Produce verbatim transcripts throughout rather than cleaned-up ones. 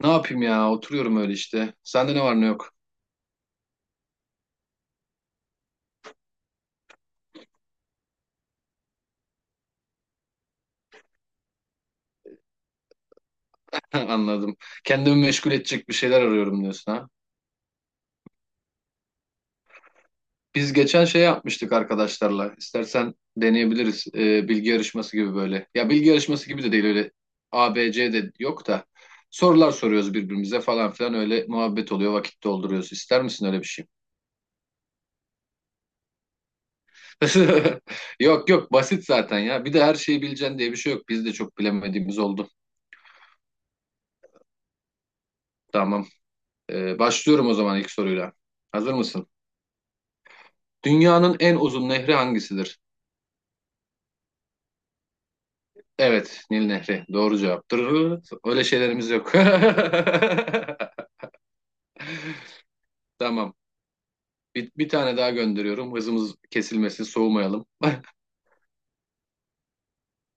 Ne yapayım ya? Oturuyorum öyle işte. Sende ne var ne yok. Anladım. Kendimi meşgul edecek bir şeyler arıyorum diyorsun ha. Biz geçen şey yapmıştık arkadaşlarla. İstersen deneyebiliriz. Ee, bilgi yarışması gibi böyle. Ya bilgi yarışması gibi de değil öyle. A, B, C de yok da. Sorular soruyoruz birbirimize falan filan öyle muhabbet oluyor vakit dolduruyoruz. İster misin öyle bir şey? Yok yok basit zaten ya. Bir de her şeyi bileceksin diye bir şey yok. Biz de çok bilemediğimiz oldu. Tamam. Ee, başlıyorum o zaman ilk soruyla. Hazır mısın? Dünyanın en uzun nehri hangisidir? Evet, Nil Nehri. Doğru cevaptır. Öyle şeylerimiz yok. Tamam. Bir, bir tane daha gönderiyorum. Hızımız kesilmesin, soğumayalım.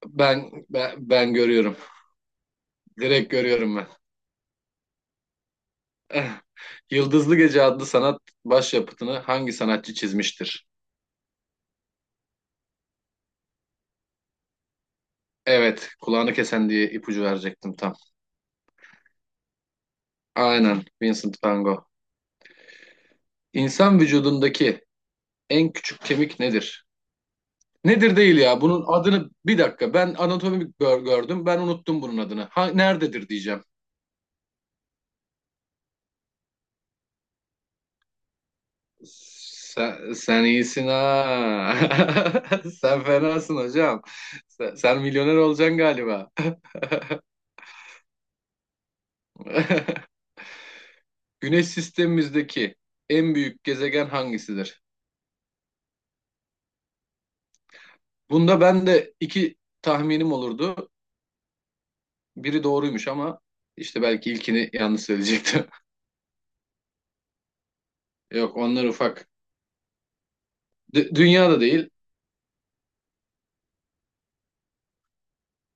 Ben, ben ben görüyorum. Direkt görüyorum ben. Yıldızlı Gece adlı sanat başyapıtını hangi sanatçı çizmiştir? Evet, kulağını kesen diye ipucu verecektim tam. Aynen, Vincent van Gogh. İnsan vücudundaki en küçük kemik nedir? Nedir değil ya. Bunun adını bir dakika. Ben anatomi gör- gördüm. Ben unuttum bunun adını. Ha, nerededir diyeceğim. Sen, sen iyisin ha. Sen fenasın hocam. Sen, sen milyoner olacaksın galiba. Güneş sistemimizdeki en büyük gezegen hangisidir? Bunda ben de iki tahminim olurdu. Biri doğruymuş ama işte belki ilkini yanlış söyleyecektim. Yok, onlar ufak. Dü- dünya da değil.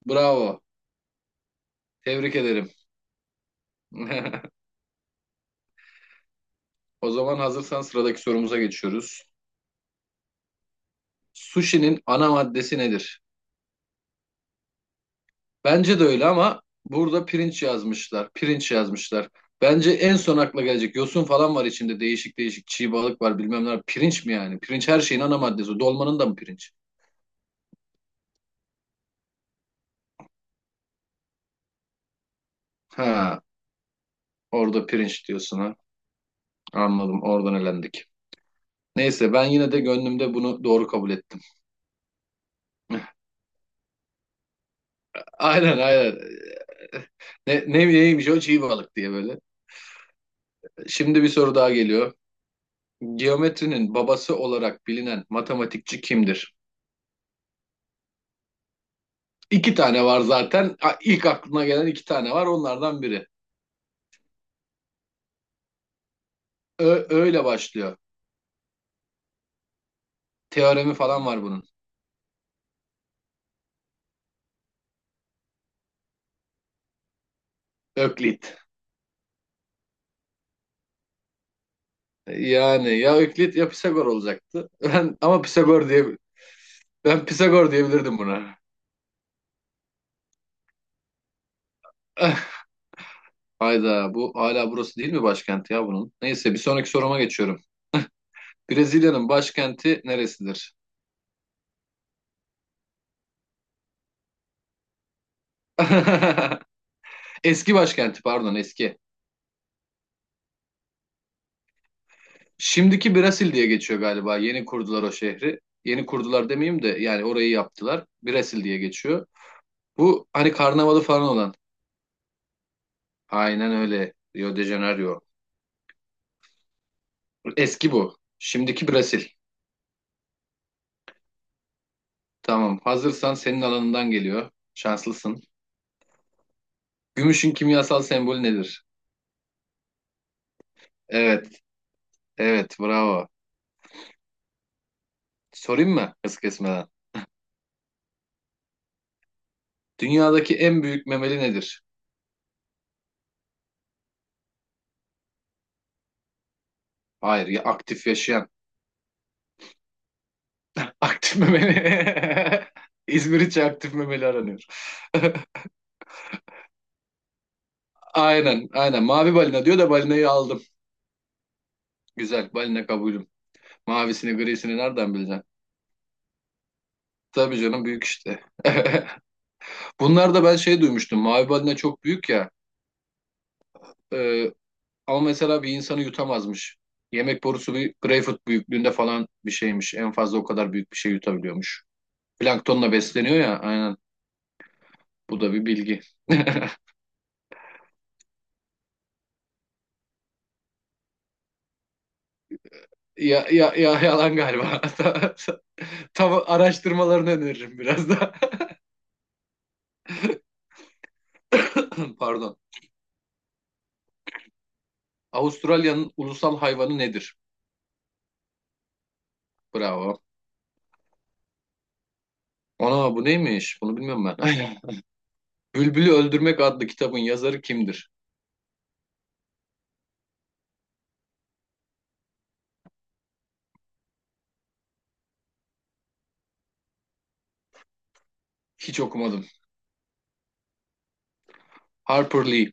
Bravo. Tebrik ederim. O zaman hazırsan sıradaki sorumuza geçiyoruz. Sushi'nin ana maddesi nedir? Bence de öyle ama burada pirinç yazmışlar. Pirinç yazmışlar. Bence en son akla gelecek yosun falan var içinde. Değişik değişik çiğ balık var bilmem ne. Pirinç mi yani? Pirinç her şeyin ana maddesi. Dolmanın da mı pirinç? Ha, orada pirinç diyorsun ha. Anladım. Oradan elendik. Neyse ben yine de gönlümde bunu doğru kabul ettim. Aynen, aynen. Ne, ne, neymiş o çiğ balık diye böyle. Şimdi bir soru daha geliyor. Geometrinin babası olarak bilinen matematikçi kimdir? İki tane var zaten. A- İlk aklına gelen iki tane var. Onlardan biri. Ö öyle başlıyor. Teoremi falan var bunun. Öklit. Yani ya Öklit ya Pisagor olacaktı. Ben ama Pisagor diye ben Pisagor diyebilirdim buna. Hayda, bu hala burası değil mi başkenti ya bunun? Neyse, bir sonraki soruma geçiyorum. Brezilya'nın başkenti neresidir? Eski başkenti, pardon, eski. Şimdiki Brasil diye geçiyor galiba. Yeni kurdular o şehri. Yeni kurdular demeyeyim de, yani orayı yaptılar. Brasil diye geçiyor. Bu hani karnavalı falan olan. Aynen öyle. Rio de Janeiro. Eski bu. Şimdiki Brasil. Tamam. Hazırsan senin alanından geliyor. Şanslısın. Gümüşün kimyasal sembolü nedir? Evet. Evet. Bravo. Sorayım mı? Hız kesmeden. Dünyadaki en büyük memeli nedir? Hayır. Ya aktif yaşayan. Aktif memeli. İzmir için aktif memeli aranıyor. Aynen, aynen. Mavi balina diyor da balinayı aldım. Güzel, balina kabulüm. Mavisini, grisini nereden bileceksin? Tabii canım, büyük işte. Bunlar da ben şey duymuştum. Mavi balina çok büyük ya. Ee, ama mesela bir insanı yutamazmış. Yemek borusu bir greyfurt büyüklüğünde falan bir şeymiş. En fazla o kadar büyük bir şey yutabiliyormuş. Planktonla besleniyor ya. Aynen. Bu da bir bilgi. Ya, ya, ya yalan galiba. Tam araştırmalarını öneririm biraz da. Pardon. Avustralya'nın ulusal hayvanı nedir? Bravo. Ana bu neymiş? Bunu bilmiyorum ben. Bülbülü Öldürmek adlı kitabın yazarı kimdir? Hiç okumadım. Harper Lee.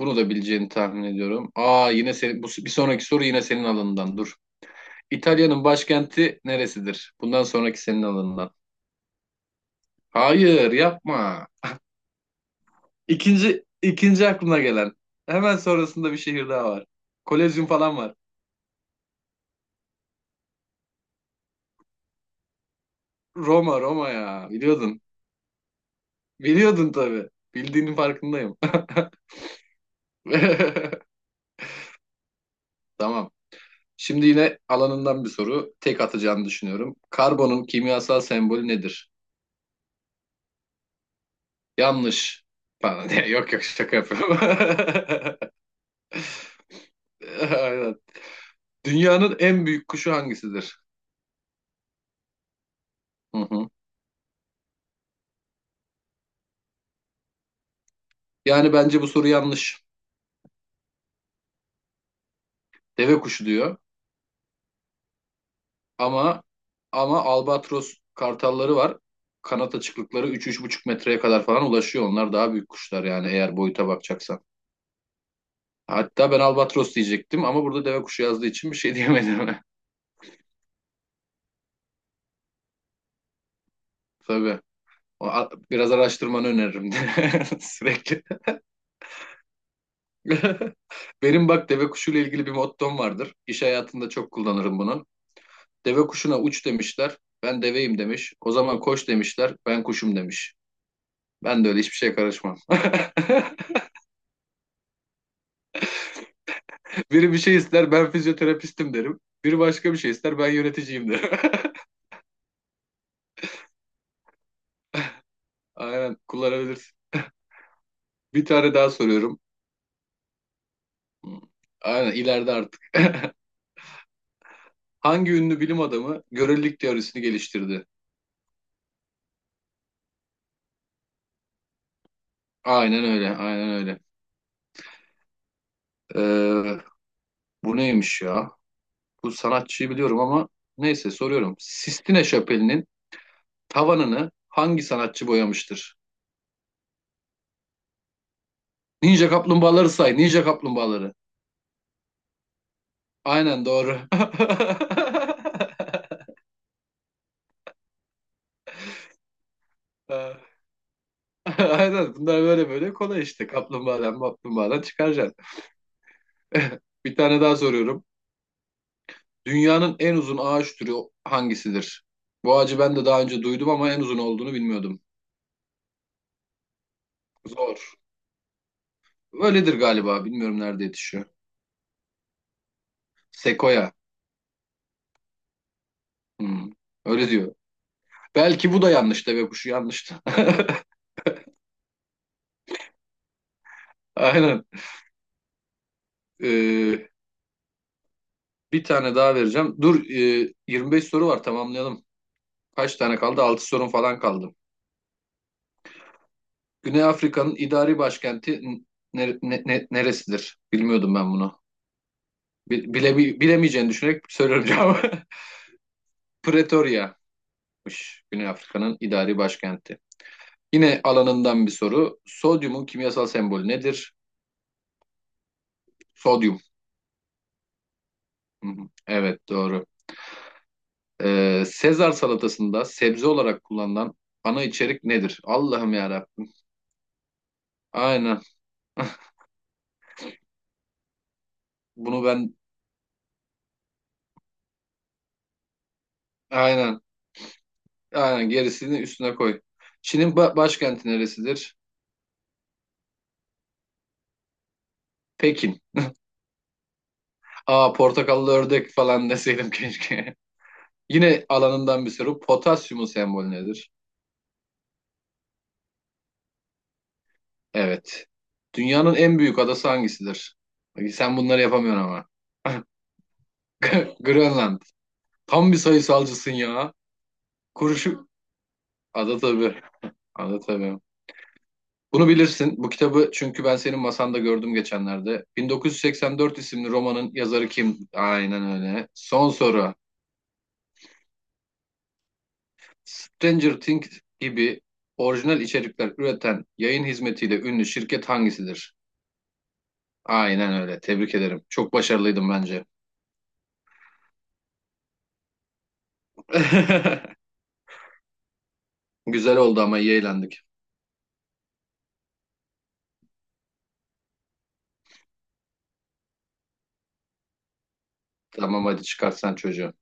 Bunu da bileceğini tahmin ediyorum. Aa, yine senin, bu, bir sonraki soru yine senin alanından. Dur. İtalya'nın başkenti neresidir? Bundan sonraki senin alanından. Hayır, yapma. İkinci, ikinci aklına gelen. Hemen sonrasında bir şehir daha var. Kolezyum falan var. Roma, Roma ya. Biliyordun. Biliyordun tabii. Bildiğinin farkındayım. Tamam. Şimdi yine alanından bir soru. Tek atacağını düşünüyorum. Karbonun kimyasal sembolü nedir? Yanlış. Pardon. Yok, yok, şaka yapıyorum. Aynen. Dünyanın en büyük kuşu hangisidir? Hı hı. Yani bence bu soru yanlış. Deve kuşu diyor. Ama ama albatros kartalları var. Kanat açıklıkları üç üç buçuk metreye kadar falan ulaşıyor. Onlar daha büyük kuşlar yani, eğer boyuta bakacaksan. Hatta ben albatros diyecektim ama burada deve kuşu yazdığı için bir şey diyemedim. Tabii. O- a- Biraz araştırmanı öneririm de sürekli. Benim bak deve kuşuyla ilgili bir mottom vardır. İş hayatında çok kullanırım bunu. Deve kuşuna uç demişler. Ben deveyim demiş. O zaman koş demişler. Ben kuşum demiş. Ben de öyle hiçbir şeye karışmam. Biri bir şey ister, ben fizyoterapistim derim. Biri başka bir şey ister, ben yöneticiyim derim. Aynen kullanabilirsin. Bir tane daha soruyorum. Hmm. Aynen ileride artık. Hangi ünlü bilim adamı görelilik teorisini geliştirdi? Aynen öyle, aynen öyle. Ee, Bu neymiş ya? Bu sanatçıyı biliyorum ama neyse soruyorum. Sistine Şapeli'nin tavanını hangi sanatçı boyamıştır? Ninja kaplumbağaları say. Ninja kaplumbağaları. Aynen, doğru. Aynen, bunlar böyle böyle kolay işte. Kaplumbağadan kaplumbağadan çıkaracaksın. Bir tane daha soruyorum. Dünyanın en uzun ağaç türü hangisidir? Bu ağacı ben de daha önce duydum ama en uzun olduğunu bilmiyordum. Zor. Öyledir galiba. Bilmiyorum nerede yetişiyor. Sekoya. Hmm, öyle diyor. Belki bu da yanlış, deve kuşu yanlış da. Aynen. Ee, bir tane daha vereceğim. Dur, e, yirmi beş soru var, tamamlayalım. Kaç tane kaldı? Altı sorun falan kaldı. Güney Afrika'nın idari başkenti n- ne- ne- neresidir? Bilmiyordum ben bunu. Bi- Bile, bilemeyeceğini düşünerek söylüyorum cevabı. Pretoria'mış Güney Afrika'nın idari başkenti. Yine alanından bir soru. Sodyumun kimyasal sembolü nedir? Sodyum. Hı hı. Evet, doğru. Ee, Sezar salatasında sebze olarak kullanılan ana içerik nedir? Allah'ım yarabbim. Aynen. Bunu ben, aynen. Aynen, gerisini üstüne koy. Çin'in ba- başkenti neresidir? Pekin. Aa, portakallı ördek falan deseydim keşke. Yine alanından bir soru. Potasyumun sembolü nedir? Evet. Dünyanın en büyük adası hangisidir? Bak, sen bunları yapamıyorsun ama. Grönland. Tam bir sayısalcısın ya. Kuruşu. Ada tabii. Ada tabii. Bunu bilirsin. Bu kitabı çünkü ben senin masanda gördüm geçenlerde. bin dokuz yüz seksen dört isimli romanın yazarı kim? Aynen öyle. Son soru. Stranger Things gibi orijinal içerikler üreten yayın hizmetiyle ünlü şirket hangisidir? Aynen öyle. Tebrik ederim. Çok başarılıydım bence. Güzel oldu, ama iyi eğlendik. Tamam, hadi çıkart sen çocuğu.